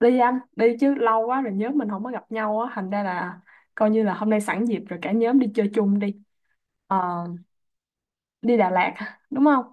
Đi anh, đi chứ lâu quá rồi nhóm mình không có gặp nhau á, thành ra là coi như là hôm nay sẵn dịp rồi cả nhóm đi chơi chung đi. Ờ, đi Đà Lạt hả? Đúng không?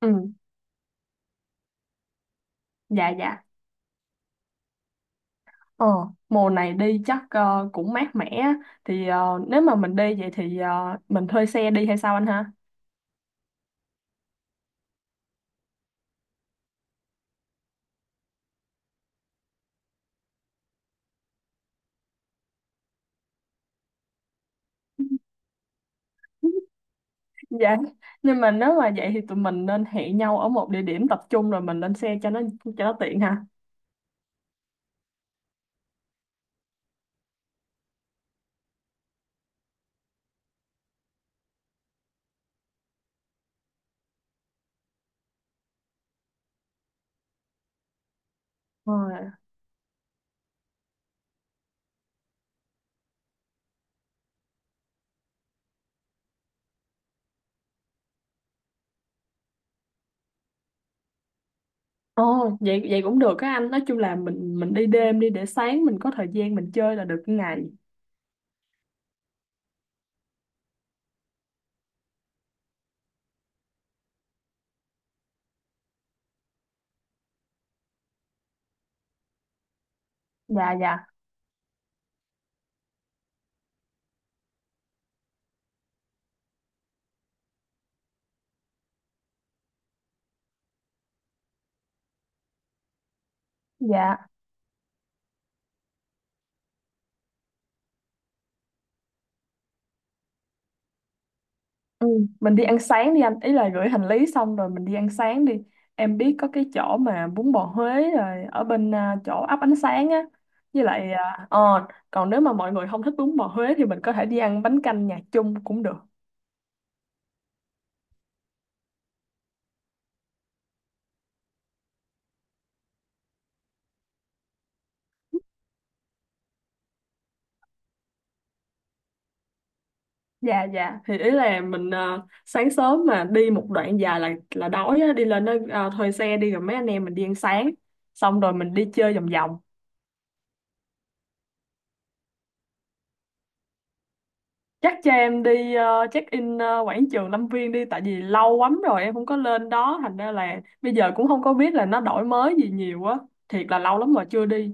Ừ, dạ dạ. ờ Mùa này đi chắc cũng mát mẻ á. Thì nếu mà mình đi vậy thì mình thuê xe đi hay sao anh ha? Dạ, nhưng mà nếu mà vậy thì tụi mình nên hẹn nhau ở một địa điểm tập trung rồi mình lên xe cho nó tiện ha. Rồi. Ồ, vậy vậy cũng được á anh. Nói chung là mình đi đêm đi để sáng mình có thời gian mình chơi là được cái ngày. Dạ dạ dạ. Ừ. Mình đi ăn sáng đi anh, ý là gửi hành lý xong rồi mình đi ăn sáng đi. Em biết có cái chỗ mà bún bò Huế rồi ở bên chỗ ấp ánh sáng á. Với lại còn nếu mà mọi người không thích bún bò Huế thì mình có thể đi ăn bánh canh nhà chung cũng được. Dạ dạ, thì ý là mình sáng sớm mà đi một đoạn dài là đói á, đi lên đó thuê xe đi rồi mấy anh em mình đi ăn sáng xong rồi mình đi chơi vòng vòng. Chắc cho em đi check in quảng trường Lâm Viên đi, tại vì lâu lắm rồi em không có lên đó, thành ra là bây giờ cũng không có biết là nó đổi mới gì nhiều á. Thiệt là lâu lắm rồi chưa đi.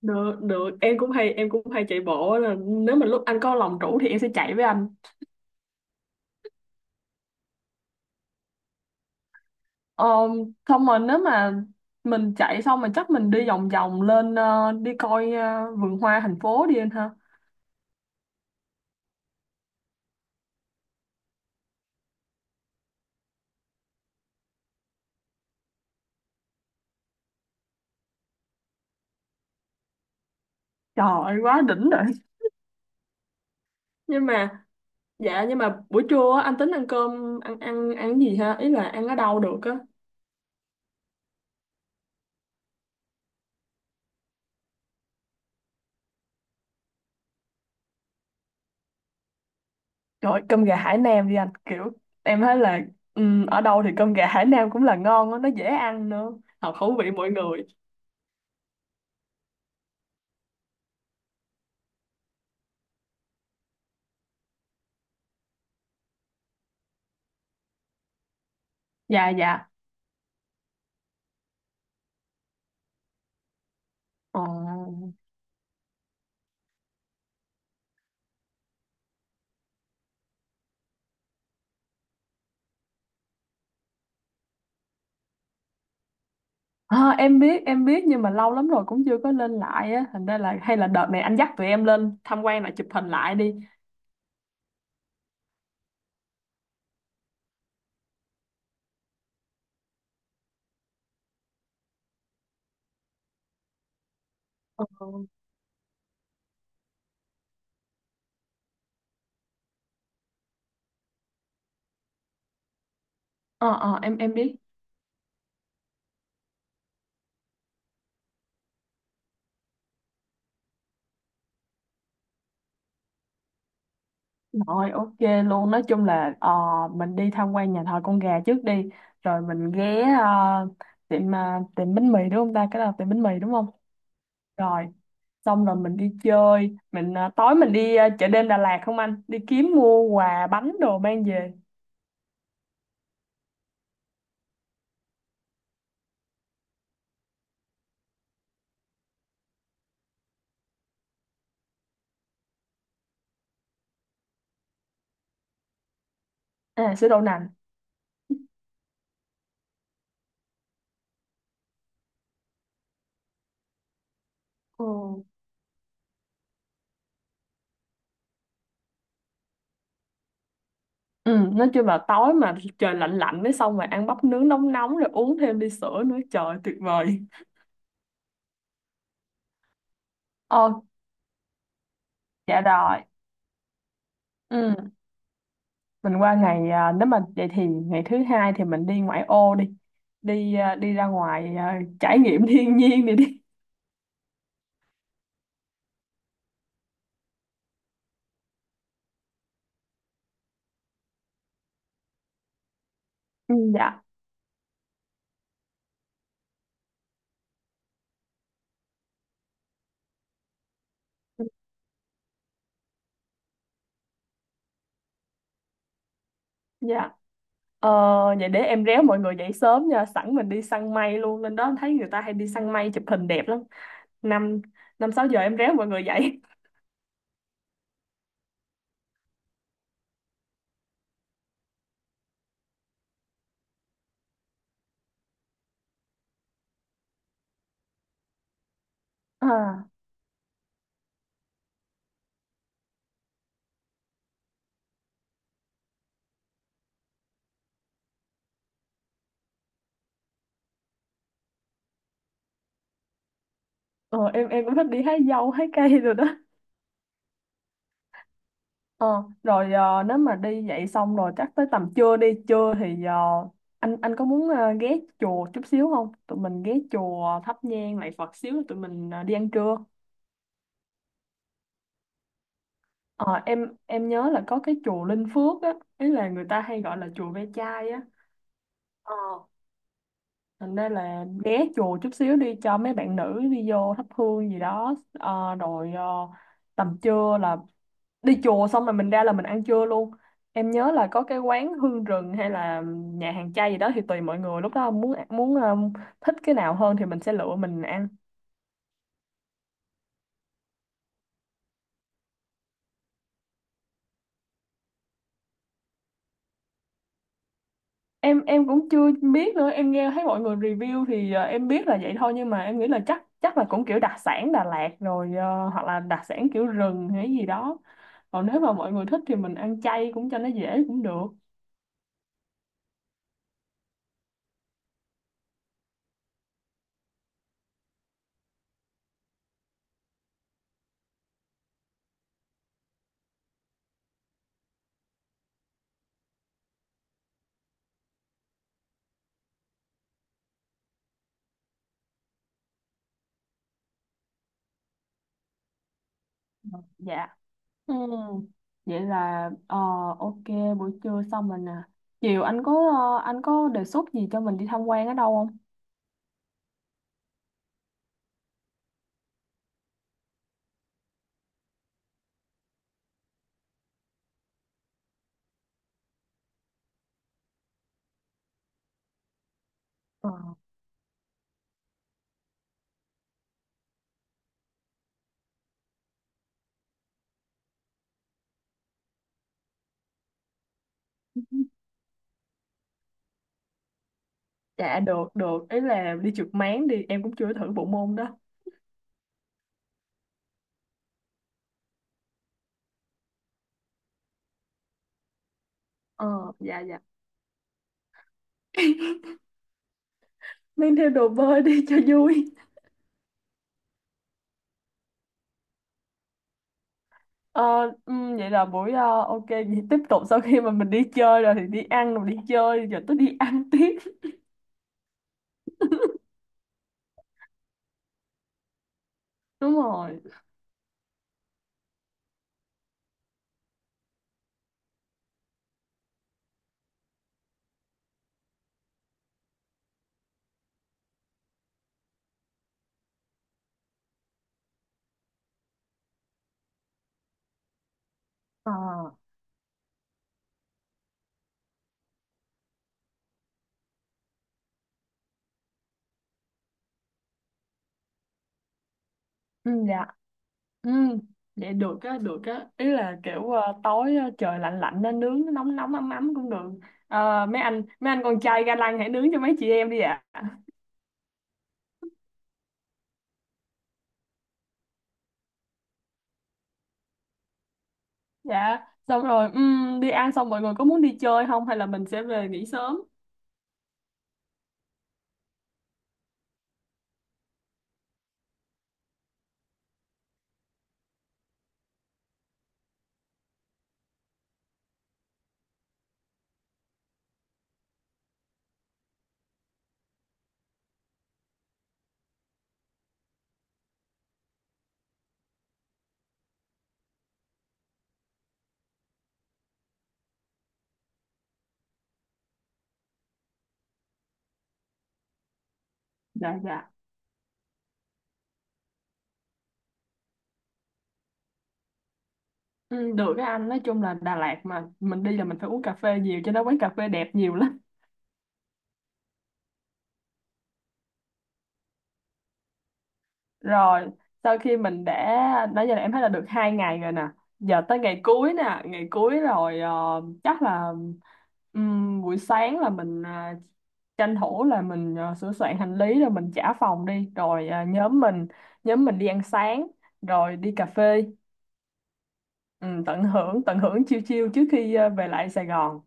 Được được, em cũng hay chạy bộ á, là nếu mà lúc anh có lòng rủ thì em sẽ chạy với anh. Ờ, xong rồi nếu mà mình chạy xong mà chắc mình đi vòng vòng lên đi coi vườn hoa thành phố đi anh ha. Trời ơi, quá đỉnh rồi. Nhưng mà dạ, nhưng mà buổi trưa á, anh tính ăn cơm ăn ăn ăn gì ha, ý là ăn ở đâu được á? Trời ơi, cơm gà Hải Nam đi anh, kiểu em thấy là ở đâu thì cơm gà Hải Nam cũng là ngon á, nó dễ ăn nữa, hợp khẩu vị mỗi người. Dạ dạ. Ờ. Ờ, em biết nhưng mà lâu lắm rồi cũng chưa có lên lại á, thành ra là hay là đợt này anh dắt tụi em lên tham quan lại chụp hình lại đi. Ờ ờ ờ, em em biết. Rồi ok luôn, nói chung là mình đi tham quan nhà thờ con gà trước đi. Rồi mình ghé tiệm ờ, tiệm bánh mì đúng không ta, cái đó là tiệm bánh mì đúng không? Rồi xong rồi mình đi chơi, tối mình đi chợ đêm Đà Lạt không anh, đi kiếm mua quà bánh đồ mang về. À, sữa đậu nành. Ừ. Ừ, nói chung là tối mà trời lạnh lạnh mới xong rồi ăn bắp nướng nóng nóng rồi uống thêm ly sữa nữa, trời tuyệt vời. Ờ, dạ rồi. Ừ, mình qua ngày, nếu mà vậy thì ngày thứ hai thì mình đi ngoại ô đi. Đi ra ngoài trải nghiệm thiên nhiên đi đi. Ừ, dạ. Dạ. Ờ, vậy để em réo mọi người dậy sớm nha, sẵn mình đi săn mây luôn, lên đó thấy người ta hay đi săn mây chụp hình đẹp lắm. Năm 5, 6 giờ em réo mọi người dậy. À, em cũng thích đi hái dâu hái cây rồi đó. Ờ, rồi nếu mà đi dậy xong rồi chắc tới tầm trưa đi trưa thì anh có muốn ghé chùa chút xíu không? Tụi mình ghé chùa thắp nhang lại Phật xíu rồi tụi mình đi ăn trưa. Ờ, em nhớ là có cái chùa Linh Phước á, ý là người ta hay gọi là chùa ve chai á. Ờ, thành ra là ghé chùa chút xíu đi cho mấy bạn nữ đi vô thắp hương gì đó. Ờ, rồi tầm trưa là đi chùa xong rồi mình ra là mình ăn trưa luôn. Em nhớ là có cái quán hương rừng hay là nhà hàng chay gì đó thì tùy mọi người lúc đó muốn muốn ờ, thích cái nào hơn thì mình sẽ lựa mình ăn. Em cũng chưa biết nữa, em nghe thấy mọi người review thì em biết là vậy thôi, nhưng mà em nghĩ là chắc chắc là cũng kiểu đặc sản Đà Lạt rồi, hoặc là đặc sản kiểu rừng hay gì đó. Còn nếu mà mọi người thích thì mình ăn chay cũng cho nó dễ cũng được. Dạ, ừ. Vậy là ok, buổi trưa xong rồi nè, chiều anh có đề xuất gì cho mình đi tham quan ở đâu không? Ờ, dạ được được, ý là đi trượt máng đi, em cũng chưa thử bộ môn đó. Ờ, dạ dạ. Mang theo đồ bơi đi cho vui. Ờ, vậy là ok, vậy tiếp tục sau khi mà mình đi chơi rồi thì đi ăn rồi đi chơi giờ tôi đi ăn tiếp. Đúng rồi. ờ dạ. Ừm, Vậy được á được á, ý là kiểu tối trời lạnh lạnh nên nướng nó nóng nóng ấm ấm cũng được. Ờ, mấy anh con trai ga lăng hãy nướng cho mấy chị em đi ạ. Dạ xong rồi, đi ăn xong mọi người có muốn đi chơi không hay là mình sẽ về nghỉ sớm? Dạ dạ. Được cái anh, nói chung là Đà Lạt mà mình đi là mình phải uống cà phê nhiều cho nó, quán cà phê đẹp nhiều lắm. Rồi, sau khi mình đã, nãy giờ là em thấy là được 2 ngày rồi nè. Giờ tới ngày cuối nè, ngày cuối rồi, chắc là buổi sáng là mình tranh thủ là mình sửa soạn hành lý rồi mình trả phòng đi, rồi nhóm mình đi ăn sáng rồi đi cà phê. Tận hưởng tận hưởng chiêu chiêu trước khi về lại Sài Gòn.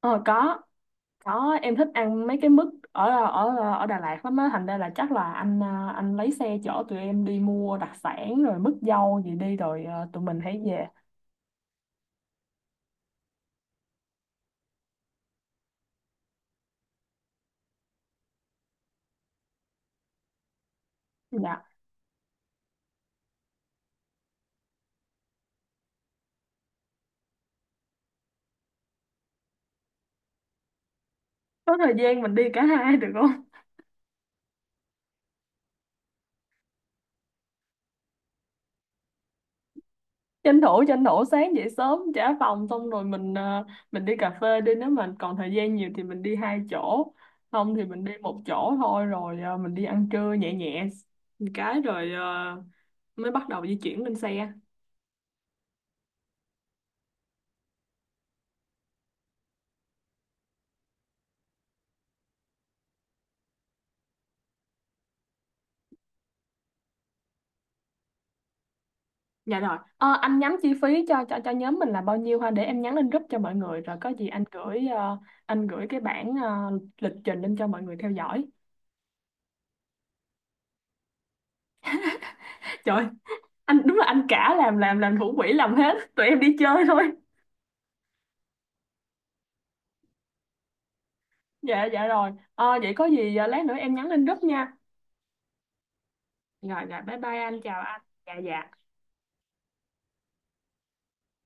Ờ, có. Có, em thích ăn mấy cái mứt ở ở ở Đà Lạt lắm á, thành ra là chắc là anh lấy xe chở tụi em đi mua đặc sản rồi mứt dâu gì đi rồi, tụi mình hãy về. Dạ. Có thời gian mình đi cả hai được không? Tranh thủ sáng dậy sớm trả phòng xong rồi mình đi cà phê đi, nếu mà còn thời gian nhiều thì mình đi hai chỗ, không thì mình đi một chỗ thôi rồi mình đi ăn trưa nhẹ nhẹ một cái rồi mới bắt đầu di chuyển lên xe. Dạ rồi. Ờ, anh nhắn chi phí cho nhóm mình là bao nhiêu ha, để em nhắn lên group cho mọi người rồi có gì anh gửi cái bản lịch trình lên cho mọi người theo dõi. Trời ơi, anh đúng là anh cả, làm thủ quỹ làm hết, tụi em đi chơi thôi. Dạ dạ rồi. Ờ, vậy có gì lát nữa em nhắn lên group nha. Rồi rồi, bye bye anh, chào anh. Dạ dạ.